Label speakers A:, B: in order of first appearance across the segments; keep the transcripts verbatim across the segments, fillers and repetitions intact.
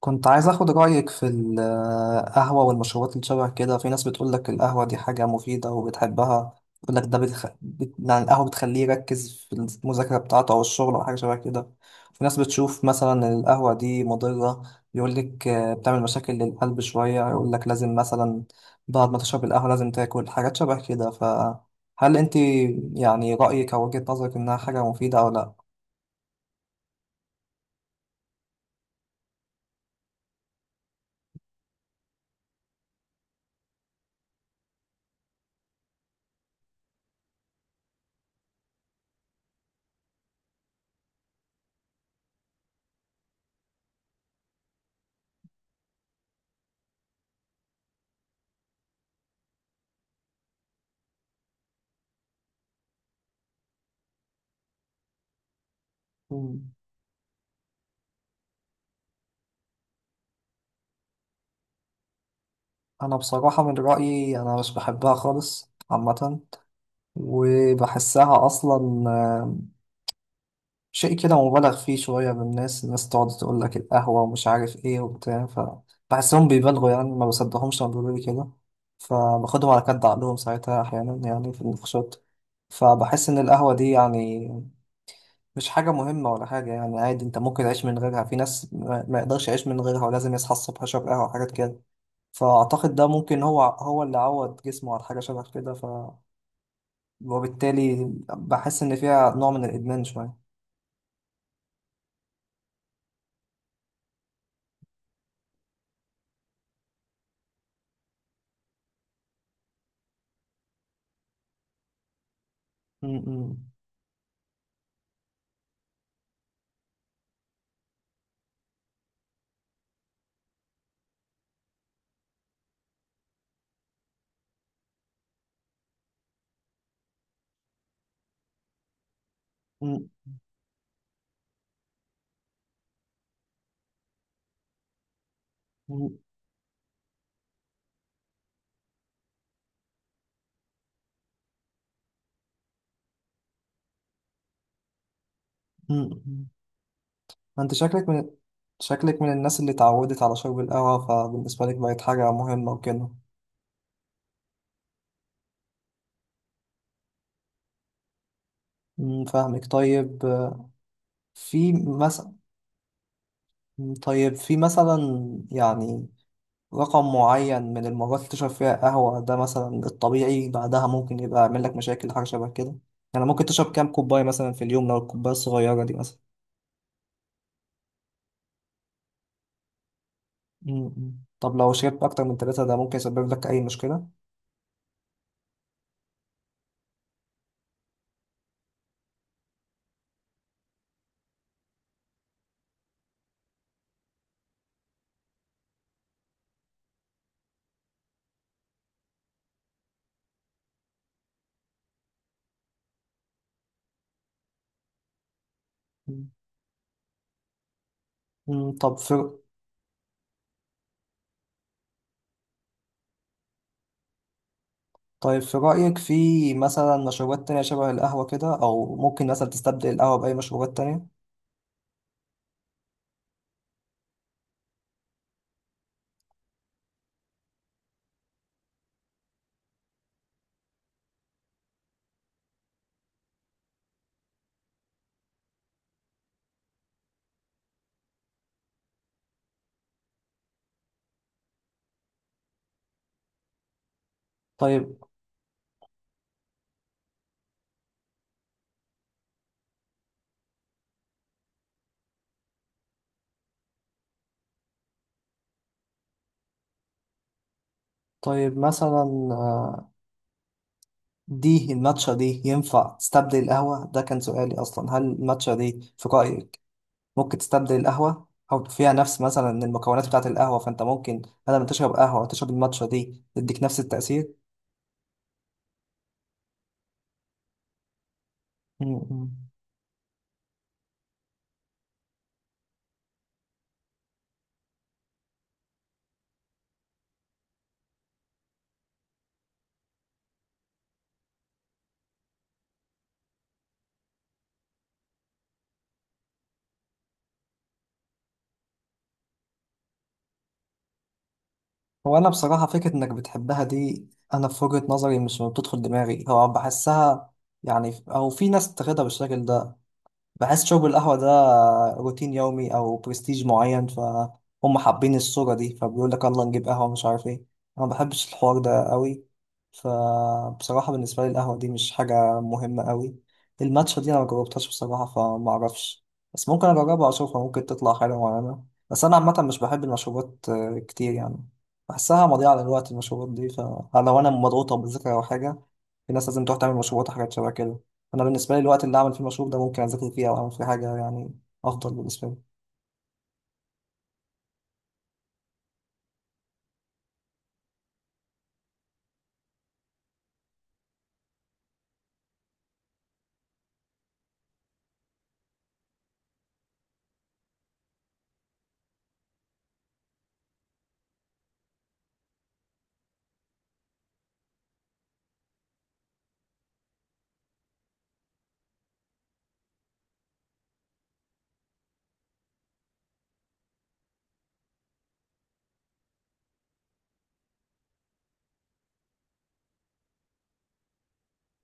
A: كنت عايز اخد رأيك في القهوة والمشروبات اللي شبه كده. في ناس بتقول لك القهوة دي حاجة مفيدة وبتحبها، بتقول لك ده بتخ... بت... يعني القهوة بتخليه يركز في المذاكرة بتاعته او الشغل او حاجة شبه كده. في ناس بتشوف مثلا القهوة دي مضرة، يقول لك آه، بتعمل مشاكل للقلب شوية، يقول لك لازم مثلا بعد ما تشرب القهوة لازم تاكل حاجات شبه كده. فهل انت يعني رأيك او وجهة نظرك انها حاجة مفيدة او لا؟ مم. انا بصراحة من رأيي انا مش بحبها خالص عامة، وبحسها أصلا آه، شيء كده مبالغ فيه شوية بالناس. الناس تقعد تقول لك القهوة ومش عارف إيه وبتاع، فبحسهم بيبالغوا يعني ما بصدقهمش لما بيقولوا لي كده، فباخدهم على كد عقلهم ساعتها أحيانا يعني في النقاشات. فبحس إن القهوة دي يعني مش حاجة مهمة ولا حاجة، يعني عادي، أنت ممكن تعيش من غيرها. في ناس ما ما يقدرش يعيش من غيرها ولازم يصحى الصبح يشرب قهوة وحاجات كده، فأعتقد ده ممكن هو هو اللي عود جسمه على حاجة شبه كده، وبالتالي بحس إن فيها نوع من الإدمان شوية. م- م- م- م- م- ما أنت شكلك من شكلك من الناس اللي اتعودت على شرب القهوة، فبالنسبة لك بقت حاجة مهمة وكده. م، فاهمك. طيب. آه، في مثلا طيب في مثلا، يعني رقم معين من المرات اللي تشرب فيها قهوة ده مثلا الطبيعي، بعدها ممكن يبقى يعمل لك مشاكل حاجة شبه كده؟ يعني ممكن تشرب كام كوباية مثلا في اليوم لو الكوباية الصغيرة دي مثلا؟ مم. طب لو شربت أكتر من ثلاثة، ده ممكن يسبب لك أي مشكلة؟ مم. مم. طب في طيب في رأيك في مثلا مشروبات تانية شبه القهوة كده، أو ممكن مثلا تستبدل القهوة بأي مشروبات تانية؟ طيب. طيب مثلا آه، دي الماتشا دي ينفع تستبدل القهوة؟ ده كان سؤالي أصلا، هل الماتشا دي في رأيك ممكن تستبدل القهوة؟ أو فيها نفس مثلا المكونات بتاعة القهوة، فأنت ممكن بدل ما تشرب قهوة تشرب الماتشا دي تديك نفس التأثير؟ مم. هو أنا بصراحة فكرة إنك بتحبها دي، أنا في وجهة نظري مش بتدخل دماغي، هو بحسها يعني، أو في ناس بتاخدها بالشكل ده، بحس شرب القهوة ده روتين يومي أو برستيج معين، فهم حابين الصورة دي، فبيقول لك يلا نجيب قهوة مش عارف ايه. أنا ما بحبش الحوار ده قوي، فبصراحة بالنسبة لي القهوة دي مش حاجة مهمة قوي. الماتشا دي أنا ما جربتهاش بصراحة فما أعرفش، بس ممكن أجربها أشوفها، ممكن تطلع حلوة معانا. بس أنا عامة مش بحب المشروبات آه، كتير يعني، بحسها مضيعة للوقت المشروبات دي، فلو أنا مضغوطة بذاكرة أو حاجة، الناس لازم تروح تعمل مشروبات وحاجات شبه كده. انا بالنسبه لي الوقت اللي اعمل فيه مشروب ده ممكن اذاكر فيه او اعمل فيه حاجه، يعني افضل بالنسبه لي.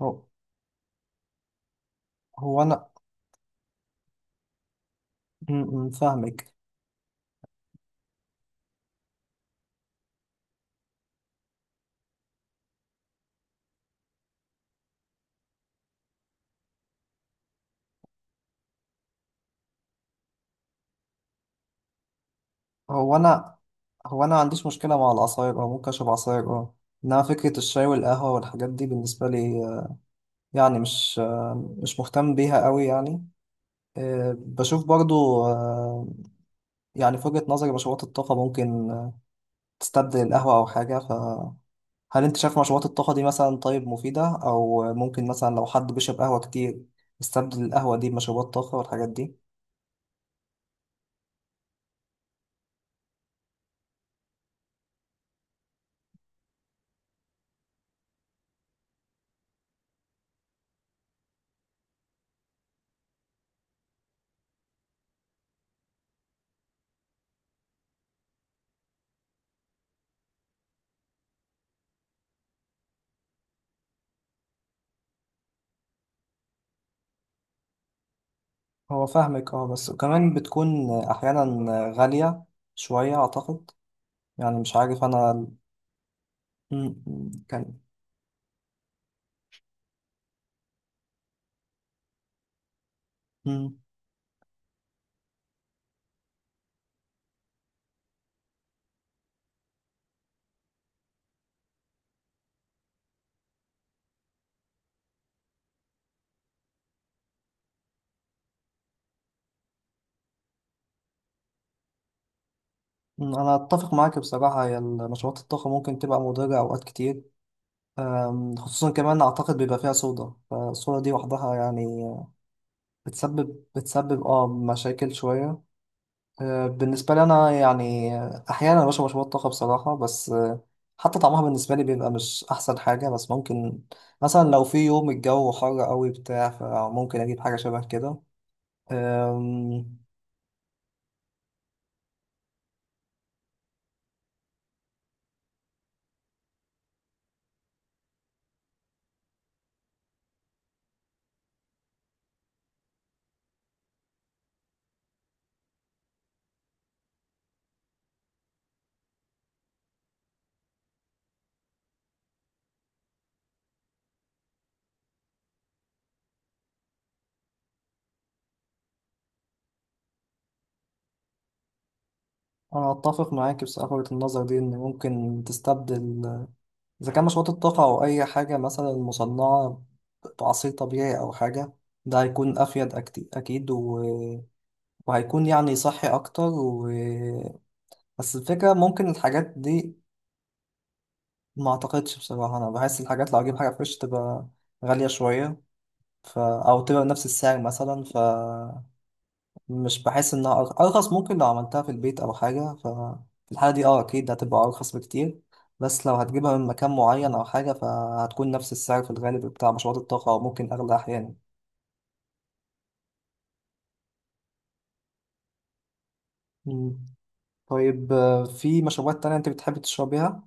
A: هو هو انا م- م، فاهمك. هو انا هو انا ما عنديش مشكله مع العصاير، او ممكن اشرب عصاير اه، انما فكره الشاي والقهوه والحاجات دي بالنسبه لي، آه، يعني مش آه، مش مهتم بيها قوي يعني، آه، بشوف برضو آه، يعني في وجهه نظري مشروبات الطاقه ممكن آه، تستبدل القهوه او حاجه. هل انت شايف مشروبات الطاقة دي مثلا، طيب، مفيدة، او ممكن مثلا لو حد بيشرب قهوة كتير يستبدل القهوة دي بمشروبات طاقة والحاجات دي؟ هو فاهمك اه، بس كمان بتكون احيانا غالية شوية اعتقد، يعني مش عارف انا. م- م- كان م- م- انا اتفق معاك بصراحة، هي مشروبات الطاقة ممكن تبقى مضرة اوقات كتير، أم، خصوصا كمان اعتقد بيبقى فيها صودا، فالصودا دي وحدها يعني بتسبب بتسبب اه مشاكل شوية. آه، بالنسبة لي أنا يعني أحيانا بشرب مشروبات طاقة بصراحة، بس آه، حتى طعمها بالنسبة لي بيبقى مش أحسن حاجة، بس ممكن مثلا لو في يوم الجو حر قوي بتاع فممكن أجيب حاجة شبه كده. أم، أنا أتفق معاك بصراحة وجهة النظر دي، إن ممكن تستبدل إذا كان مشروبات الطاقة أو أي حاجة مثلا مصنعة بعصير طبيعي أو حاجة، ده هيكون أفيد أكت- أكيد، و... وهيكون يعني صحي أكتر. و... بس الفكرة ممكن الحاجات دي ما اعتقدش بصراحة. انا بحس الحاجات لو اجيب حاجة فريش تبقى غالية شوية، ف... او تبقى بنفس السعر مثلا، ف مش بحس انها أرخ- ارخص، ممكن لو عملتها في البيت او حاجة، ف في الحالة دي اه اكيد هتبقى ارخص بكتير. بس لو هتجيبها من مكان معين او حاجة فهتكون نفس السعر في الغالب بتاع مشروبات الطاقة، او ممكن اغلى احيانا. مم. طيب، آه، في مشروبات تانية انت بتحب تشربيها؟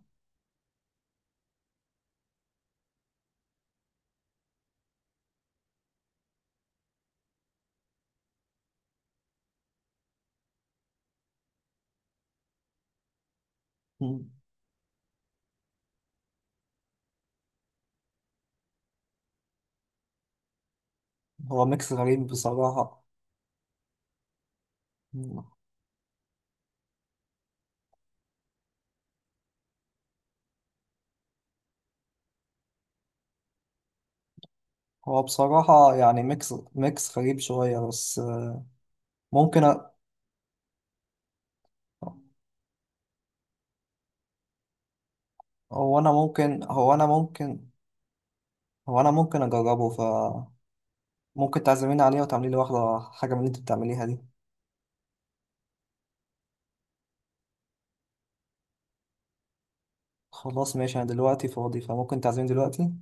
A: مم. هو ميكس غريب بصراحة. مم. هو بصراحة يعني ميكس ميكس غريب شوية، بس آه، ممكن. هو انا ممكن هو انا ممكن هو انا ممكن اجربه، ف ممكن تعزميني عليه وتعملي لي واحده حاجه من اللي انت بتعمليها دي. خلاص، ماشي، انا دلوقتي فاضي، فممكن تعزميني دلوقتي.